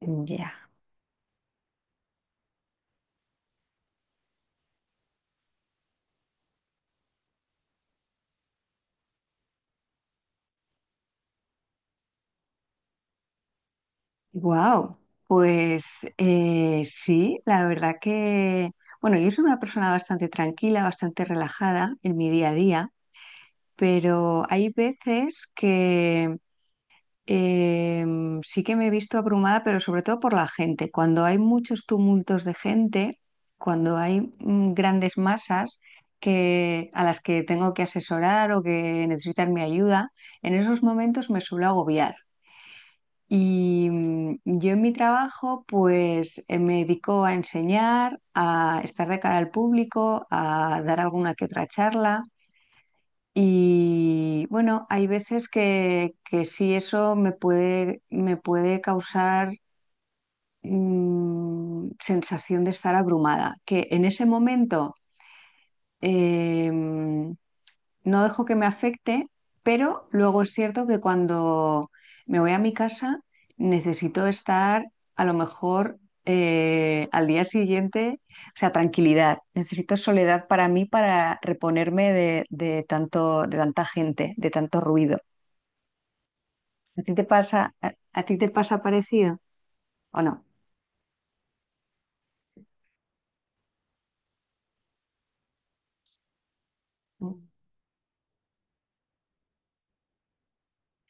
Ya, wow. Pues sí, la verdad que, bueno, yo soy una persona bastante tranquila, bastante relajada en mi día a día, pero hay veces que sí que me he visto abrumada, pero sobre todo por la gente. Cuando hay muchos tumultos de gente, cuando hay grandes masas a las que tengo que asesorar o que necesitan mi ayuda, en esos momentos me suelo agobiar. Y yo en mi trabajo, pues me dedico a enseñar, a estar de cara al público, a dar alguna que otra charla. Y bueno, hay veces que sí eso me puede causar sensación de estar abrumada, que en ese momento em, no dejo que me afecte, pero luego es cierto que cuando me voy a mi casa necesito estar a lo mejor al día siguiente, o sea, tranquilidad, necesito soledad para mí para reponerme de tanto, de tanta gente, de tanto ruido. ¿A ti te pasa, a ti te pasa parecido o no?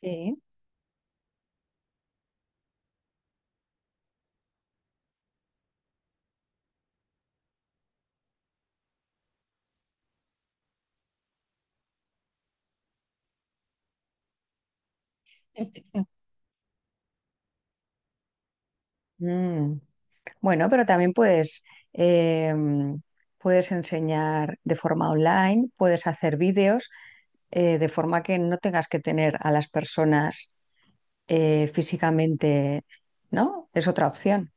Sí. Mm. Bueno, pero también em, puedes enseñar de forma online, puedes hacer vídeos. Eh, de forma que no tengas que tener a las personas físicamente, ¿no? Es otra opción.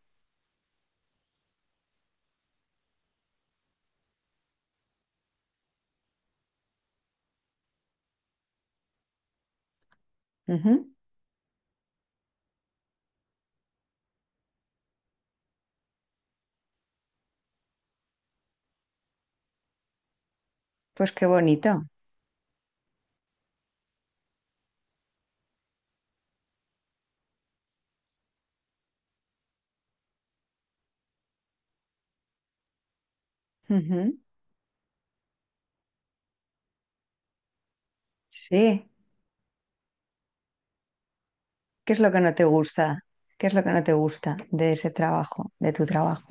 Ujú. Pues qué bonito. Ujú. Sí. ¿Qué es lo que no te gusta? ¿Qué es lo que no te gusta de ese trabajo, de tu trabajo?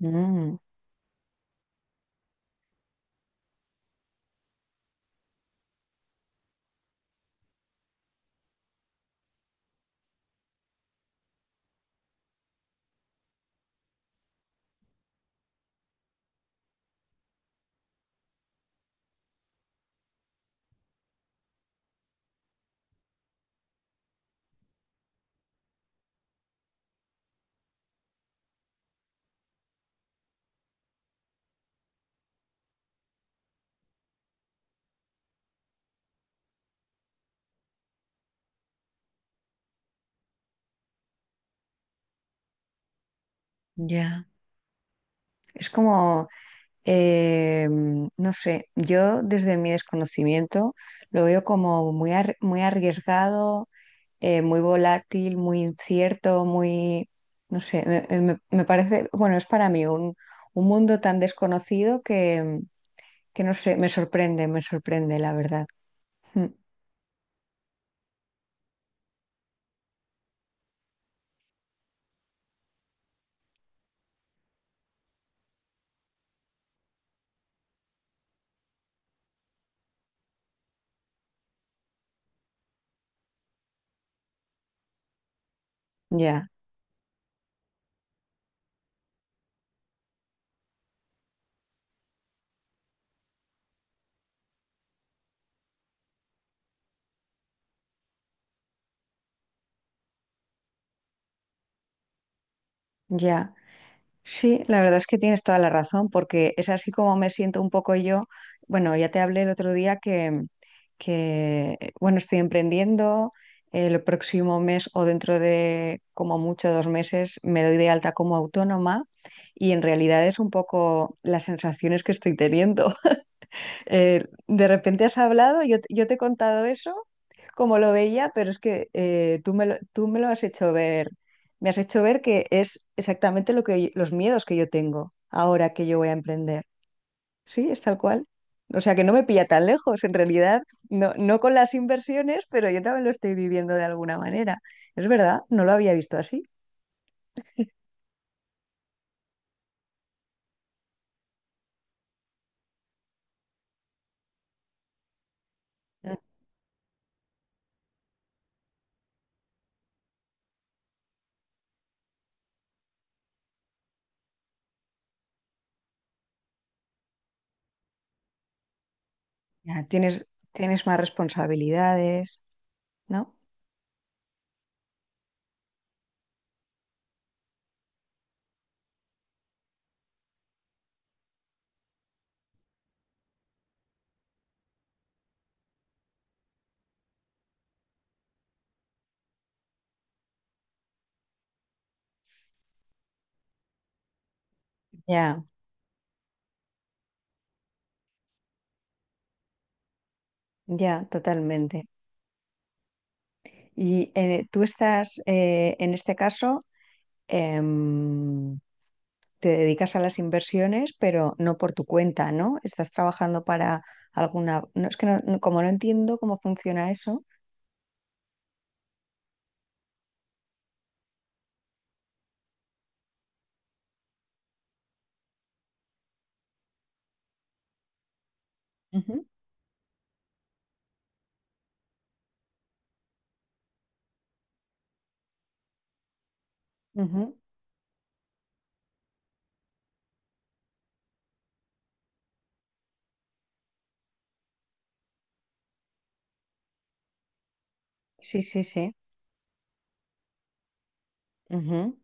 Mm, ya. Es como, eh, no sé, yo desde mi desconocimiento lo veo como muy, muy arriesgado, muy volátil, muy incierto, muy, no sé, me parece, bueno, es para mí un mundo tan desconocido que no sé, me sorprende, la verdad. Mm. Ya, ya. Sí, la verdad es que tienes toda la razón, porque es así como me siento un poco yo. Bueno, ya te hablé el otro día que bueno, estoy emprendiendo. El próximo mes o dentro de como mucho dos meses me doy de alta como autónoma y en realidad es un poco las sensaciones que estoy teniendo. De repente has hablado, yo te he contado eso, como lo veía, pero es que tú me lo has hecho ver, me has hecho ver que es exactamente lo que, los miedos que yo tengo ahora que yo voy a emprender. Sí, es tal cual. O sea que no me pilla tan lejos, en realidad, no con las inversiones, pero yo también lo estoy viviendo de alguna manera. Es verdad, no lo había visto así. Mm. Ya, tienes más responsabilidades, ¿no? Ya, ya, totalmente. Y en este caso, em, te dedicas a las inversiones, pero no por tu cuenta, ¿no? Estás trabajando para alguna... No, es que como no entiendo cómo funciona eso. Ujú, ujú. Sí, sí, sí. Ujú,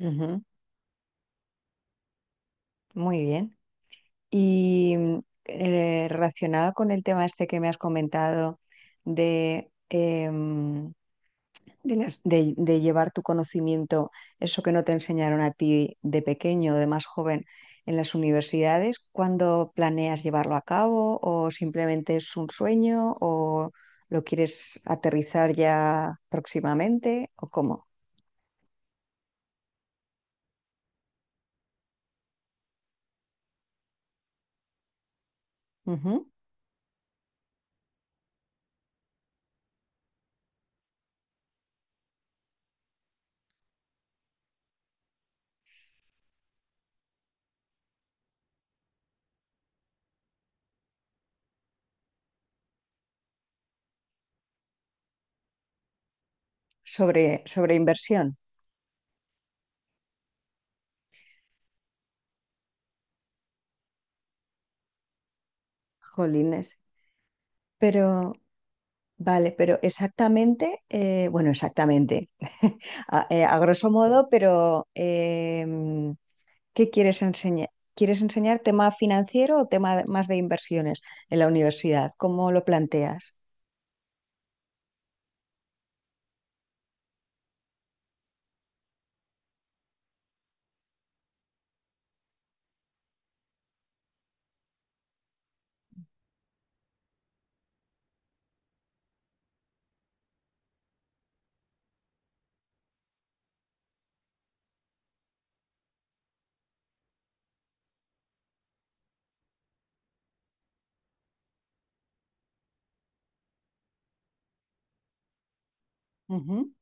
ujú. Muy bien. Y relacionado con el tema este que me has comentado de... de, de llevar tu conocimiento, eso que no te enseñaron a ti de pequeño o de más joven en las universidades, ¿cuándo planeas llevarlo a cabo o simplemente es un sueño o lo quieres aterrizar ya próximamente o cómo? Ujú. Sobre, sobre inversión, jolines. Pero, vale, pero exactamente, exactamente, a grosso modo, pero... em, ¿qué quieres enseñar? ¿Quieres enseñar tema financiero o tema más de inversiones en la universidad? ¿Cómo lo planteas? Ujú,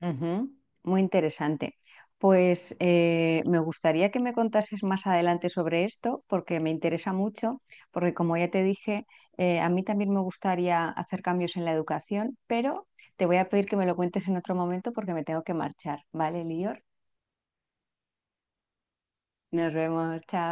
ujú. Muy interesante. Pues me gustaría que me contases más adelante sobre esto porque me interesa mucho, porque como ya te dije, a mí también me gustaría hacer cambios en la educación, pero te voy a pedir que me lo cuentes en otro momento porque me tengo que marchar. ¿Vale, Lior? Nos vemos, chao.